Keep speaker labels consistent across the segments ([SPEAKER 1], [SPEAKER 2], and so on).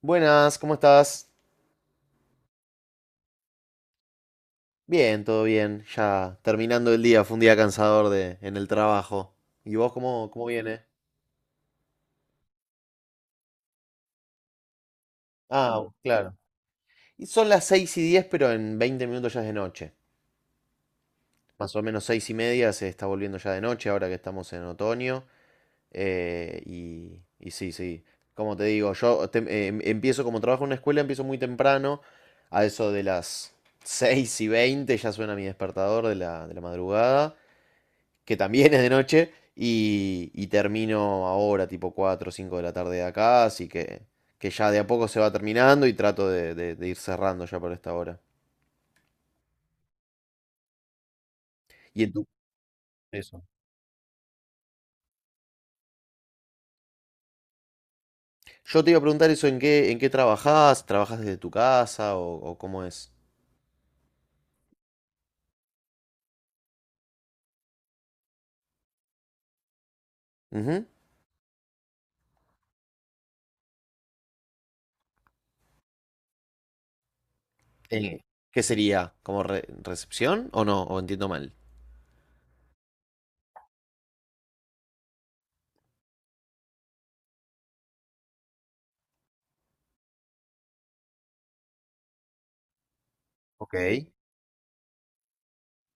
[SPEAKER 1] Buenas, ¿cómo estás? Bien, todo bien. Ya terminando el día, fue un día cansador en el trabajo. ¿Y vos cómo viene? Ah, claro. Y son las 6:10, pero en 20 minutos ya es de noche. Más o menos 6:30 se está volviendo ya de noche, ahora que estamos en otoño. Sí, sí. Como te digo, yo empiezo como trabajo en una escuela, empiezo muy temprano. A eso de las 6:20 ya suena mi despertador de la, madrugada, que también es de noche, y termino ahora, tipo cuatro o 5 de la tarde de acá, así que ya de a poco se va terminando y trato de ir cerrando ya por esta hora. Y en tu, Eso. Yo te iba a preguntar eso, ¿en qué trabajás? ¿Trabajás desde tu casa o cómo es? Ujú. Eh, ¿Qué sería? ¿Como recepción o no? ¿O entiendo mal? Ok.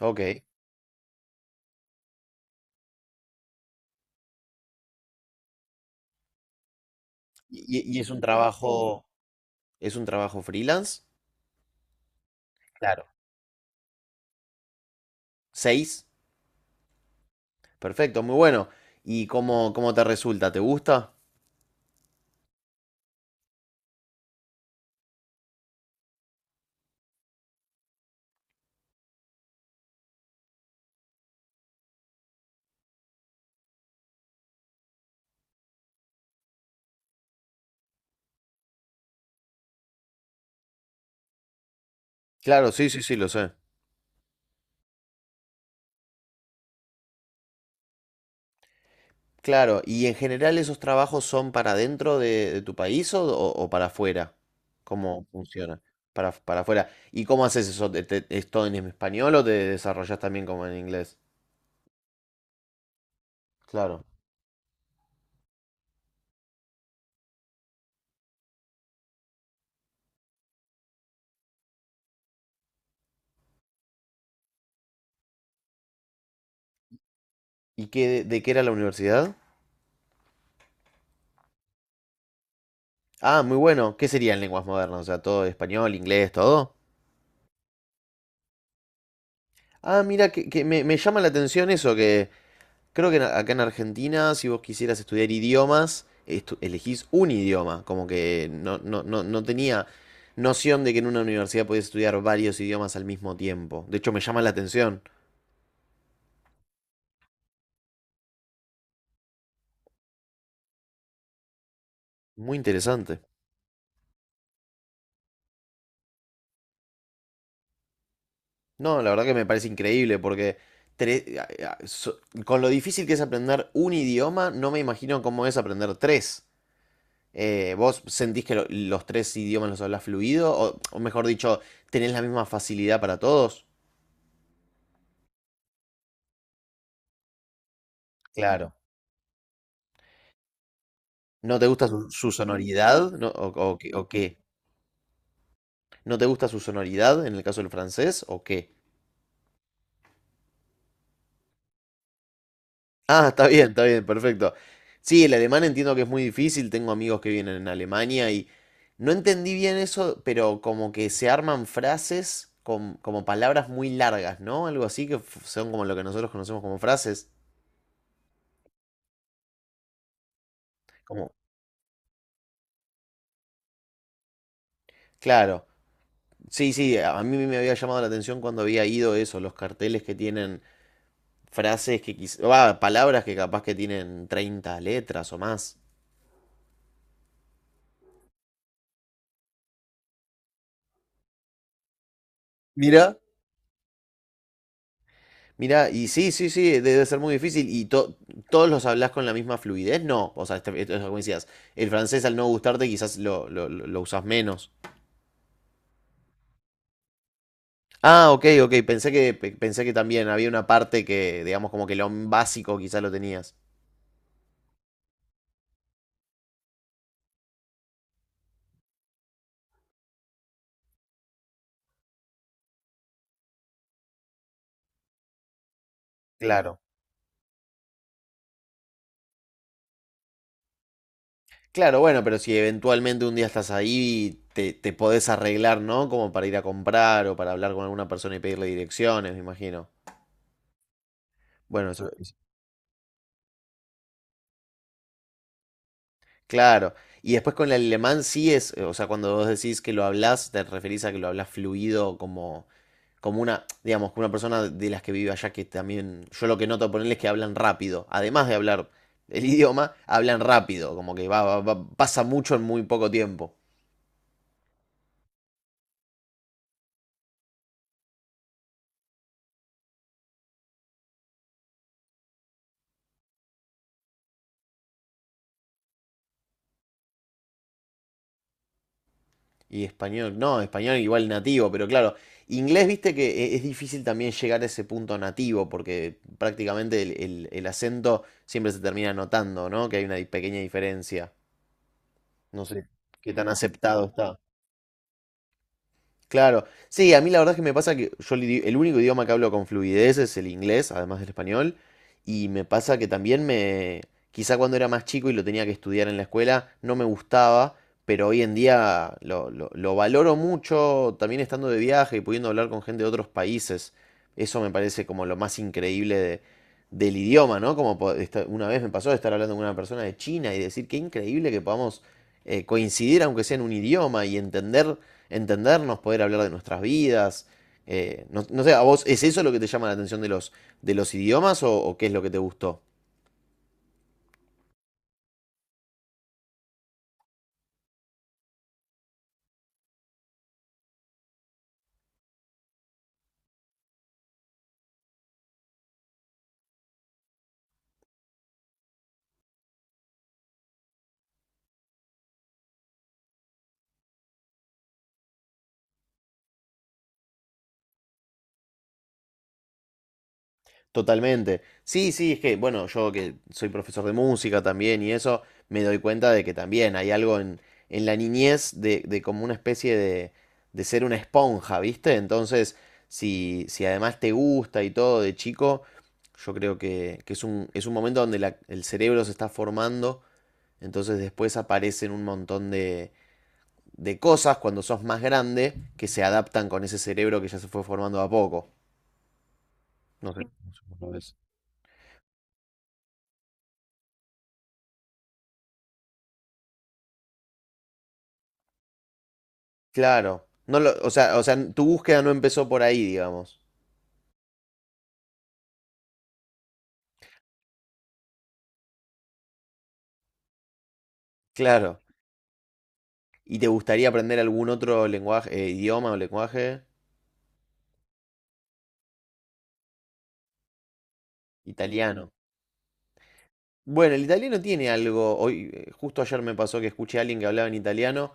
[SPEAKER 1] Ok. ¿Y es un trabajo, freelance? Claro. ¿Seis? Perfecto, muy bueno. ¿Y cómo te resulta? ¿Te gusta? Claro, sí, sí, sí, lo sé. Claro, ¿y en general esos trabajos son para dentro de tu país o para afuera? ¿Cómo funciona? Para afuera. ¿Y cómo haces eso? ¿Es todo en español o te desarrollas también como en inglés? Claro. ¿Y de qué era la universidad? Ah, muy bueno. ¿Qué serían lenguas modernas? O sea, todo español, inglés, todo. Ah, mira, que me llama la atención eso, que creo que acá en Argentina, si vos quisieras estudiar idiomas, elegís un idioma, como que no tenía noción de que en una universidad podías estudiar varios idiomas al mismo tiempo. De hecho, me llama la atención. Muy interesante. No, la verdad que me parece increíble porque, tre- a- a- so- con lo difícil que es aprender un idioma, no me imagino cómo es aprender tres. ¿Vos sentís que los tres idiomas los hablas fluido? O mejor dicho, ¿tenés la misma facilidad para todos? Claro. ¿No te gusta su sonoridad? ¿No? ¿O qué? ¿No te gusta su sonoridad en el caso del francés? ¿O qué? Ah, está bien, perfecto. Sí, el alemán entiendo que es muy difícil. Tengo amigos que vienen en Alemania y no entendí bien eso, pero como que se arman frases con, como palabras muy largas, ¿no? Algo así que son como lo que nosotros conocemos como frases. Como, claro. Sí, sí, a mí me había llamado la atención cuando había ido eso, los carteles que tienen frases que quizás palabras que capaz que tienen 30 letras o más. Mira. Mira, y sí, sí, sí, debe ser muy difícil. ¿Y todos los hablas con la misma fluidez? No. O sea, esto es como decías, el francés, al no gustarte, quizás lo usas menos. Ah, ok, ok, pensé que también había una parte que, digamos, como que lo básico quizás lo tenías. Claro. Claro, bueno, pero si eventualmente un día estás ahí, te podés arreglar, ¿no? Como para ir a comprar o para hablar con alguna persona y pedirle direcciones, me imagino. Bueno, eso. Claro. Y después con el alemán sí es, o sea, cuando vos decís que lo hablas, te referís a que lo hablas fluido como, como una, digamos, como una persona de las que vive allá que también, yo lo que noto ponerles es que hablan rápido. Además de hablar el idioma, hablan rápido, como que pasa mucho en muy poco tiempo. Y español, no, español igual nativo, pero claro, inglés, viste que es difícil también llegar a ese punto nativo, porque prácticamente el acento siempre se termina notando, ¿no? Que hay una pequeña diferencia. No sé qué tan aceptado está. Claro. Sí, a mí la verdad es que me pasa que yo el único idioma que hablo con fluidez es el inglés, además del español. Y me pasa que también me... Quizá cuando era más chico y lo tenía que estudiar en la escuela, no me gustaba, pero hoy en día lo valoro mucho, también estando de viaje y pudiendo hablar con gente de otros países. Eso me parece como lo más increíble del idioma, ¿no? Como una vez me pasó de estar hablando con una persona de China y decir, qué increíble que podamos, coincidir aunque sea en un idioma y entender, entendernos, poder hablar de nuestras vidas. No, no sé, ¿a vos es eso lo que te llama la atención de los idiomas o qué es lo que te gustó? Totalmente. Sí, sí, es que, bueno, yo que soy profesor de música también y eso, me doy cuenta de que también hay algo en la niñez de como una especie de ser una esponja, ¿viste? Entonces, si además te gusta y todo de chico, yo creo que es un momento donde el cerebro se está formando, entonces después aparecen un montón de cosas cuando sos más grande que se adaptan con ese cerebro que ya se fue formando a poco. No sé. Claro. No lo, o sea, tu búsqueda no empezó por ahí, digamos. Claro. ¿Y te gustaría aprender algún otro lenguaje, idioma o lenguaje? Italiano. Bueno, el italiano tiene algo. Justo ayer me pasó que escuché a alguien que hablaba en italiano,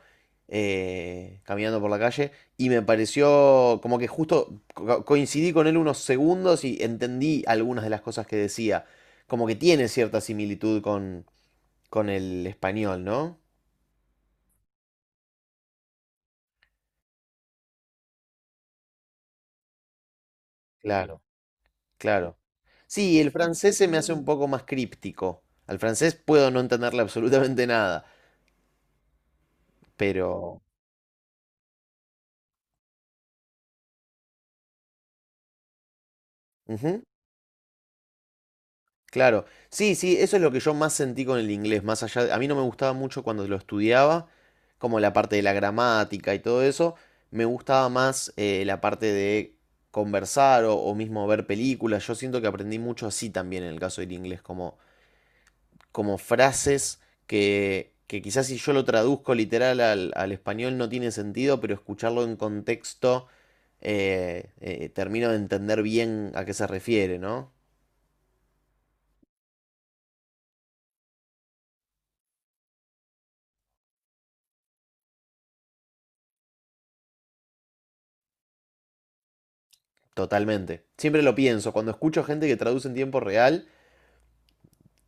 [SPEAKER 1] caminando por la calle, y me pareció como que justo coincidí con él unos segundos y entendí algunas de las cosas que decía. Como que tiene cierta similitud con el español, ¿no? Claro. Claro. Sí, el francés se me hace un poco más críptico. Al francés puedo no entenderle absolutamente nada, pero... Ujú, claro. Sí, sí, eso es lo que yo más sentí con el inglés, más allá a mí no me gustaba mucho cuando lo estudiaba, como la parte de la gramática y todo eso. Me gustaba más, la parte de conversar o mismo ver películas. Yo siento que aprendí mucho así también en el caso del inglés, como frases que quizás si yo lo traduzco literal al español no tiene sentido, pero escucharlo en contexto, termino de entender bien a qué se refiere, ¿no? Totalmente. Siempre lo pienso, cuando escucho gente que traduce en tiempo real,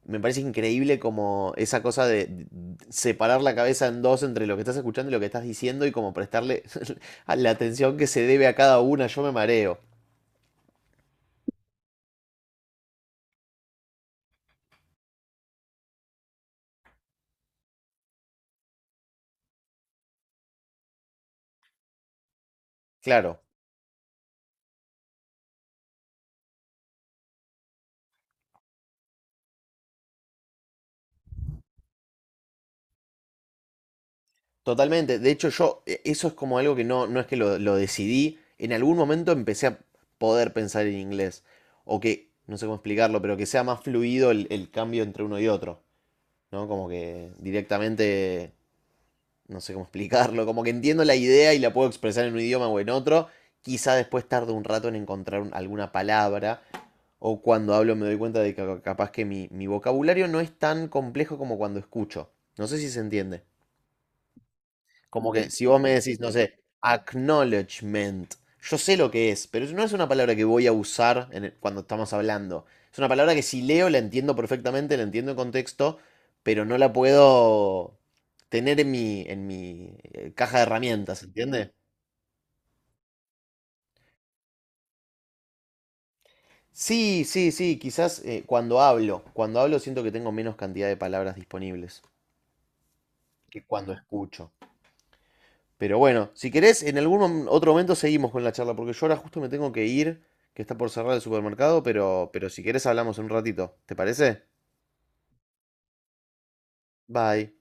[SPEAKER 1] me parece increíble como esa cosa de separar la cabeza en dos entre lo que estás escuchando y lo que estás diciendo y como prestarle la atención que se debe a cada una, yo me mareo. Claro. Totalmente. De hecho, yo, eso es como algo que no es que lo decidí. En algún momento empecé a poder pensar en inglés. O que, no sé cómo explicarlo, pero que sea más fluido el cambio entre uno y otro. ¿No? Como que directamente, no sé cómo explicarlo. Como que entiendo la idea y la puedo expresar en un idioma o en otro. Quizá después tarde un rato en encontrar alguna palabra. O cuando hablo me doy cuenta de que capaz que mi vocabulario no es tan complejo como cuando escucho. No sé si se entiende. Como que si vos me decís, no sé, acknowledgement, yo sé lo que es, pero no es una palabra que voy a usar en cuando estamos hablando. Es una palabra que si leo la entiendo perfectamente, la entiendo en contexto, pero no la puedo tener en mi caja de herramientas, ¿entiendes? Sí, sí, sí, quizás, cuando hablo siento que tengo menos cantidad de palabras disponibles que cuando escucho. Pero bueno, si querés, en algún otro momento seguimos con la charla, porque yo ahora justo me tengo que ir, que está por cerrar el supermercado, pero, si querés hablamos en un ratito. ¿Te parece? Bye.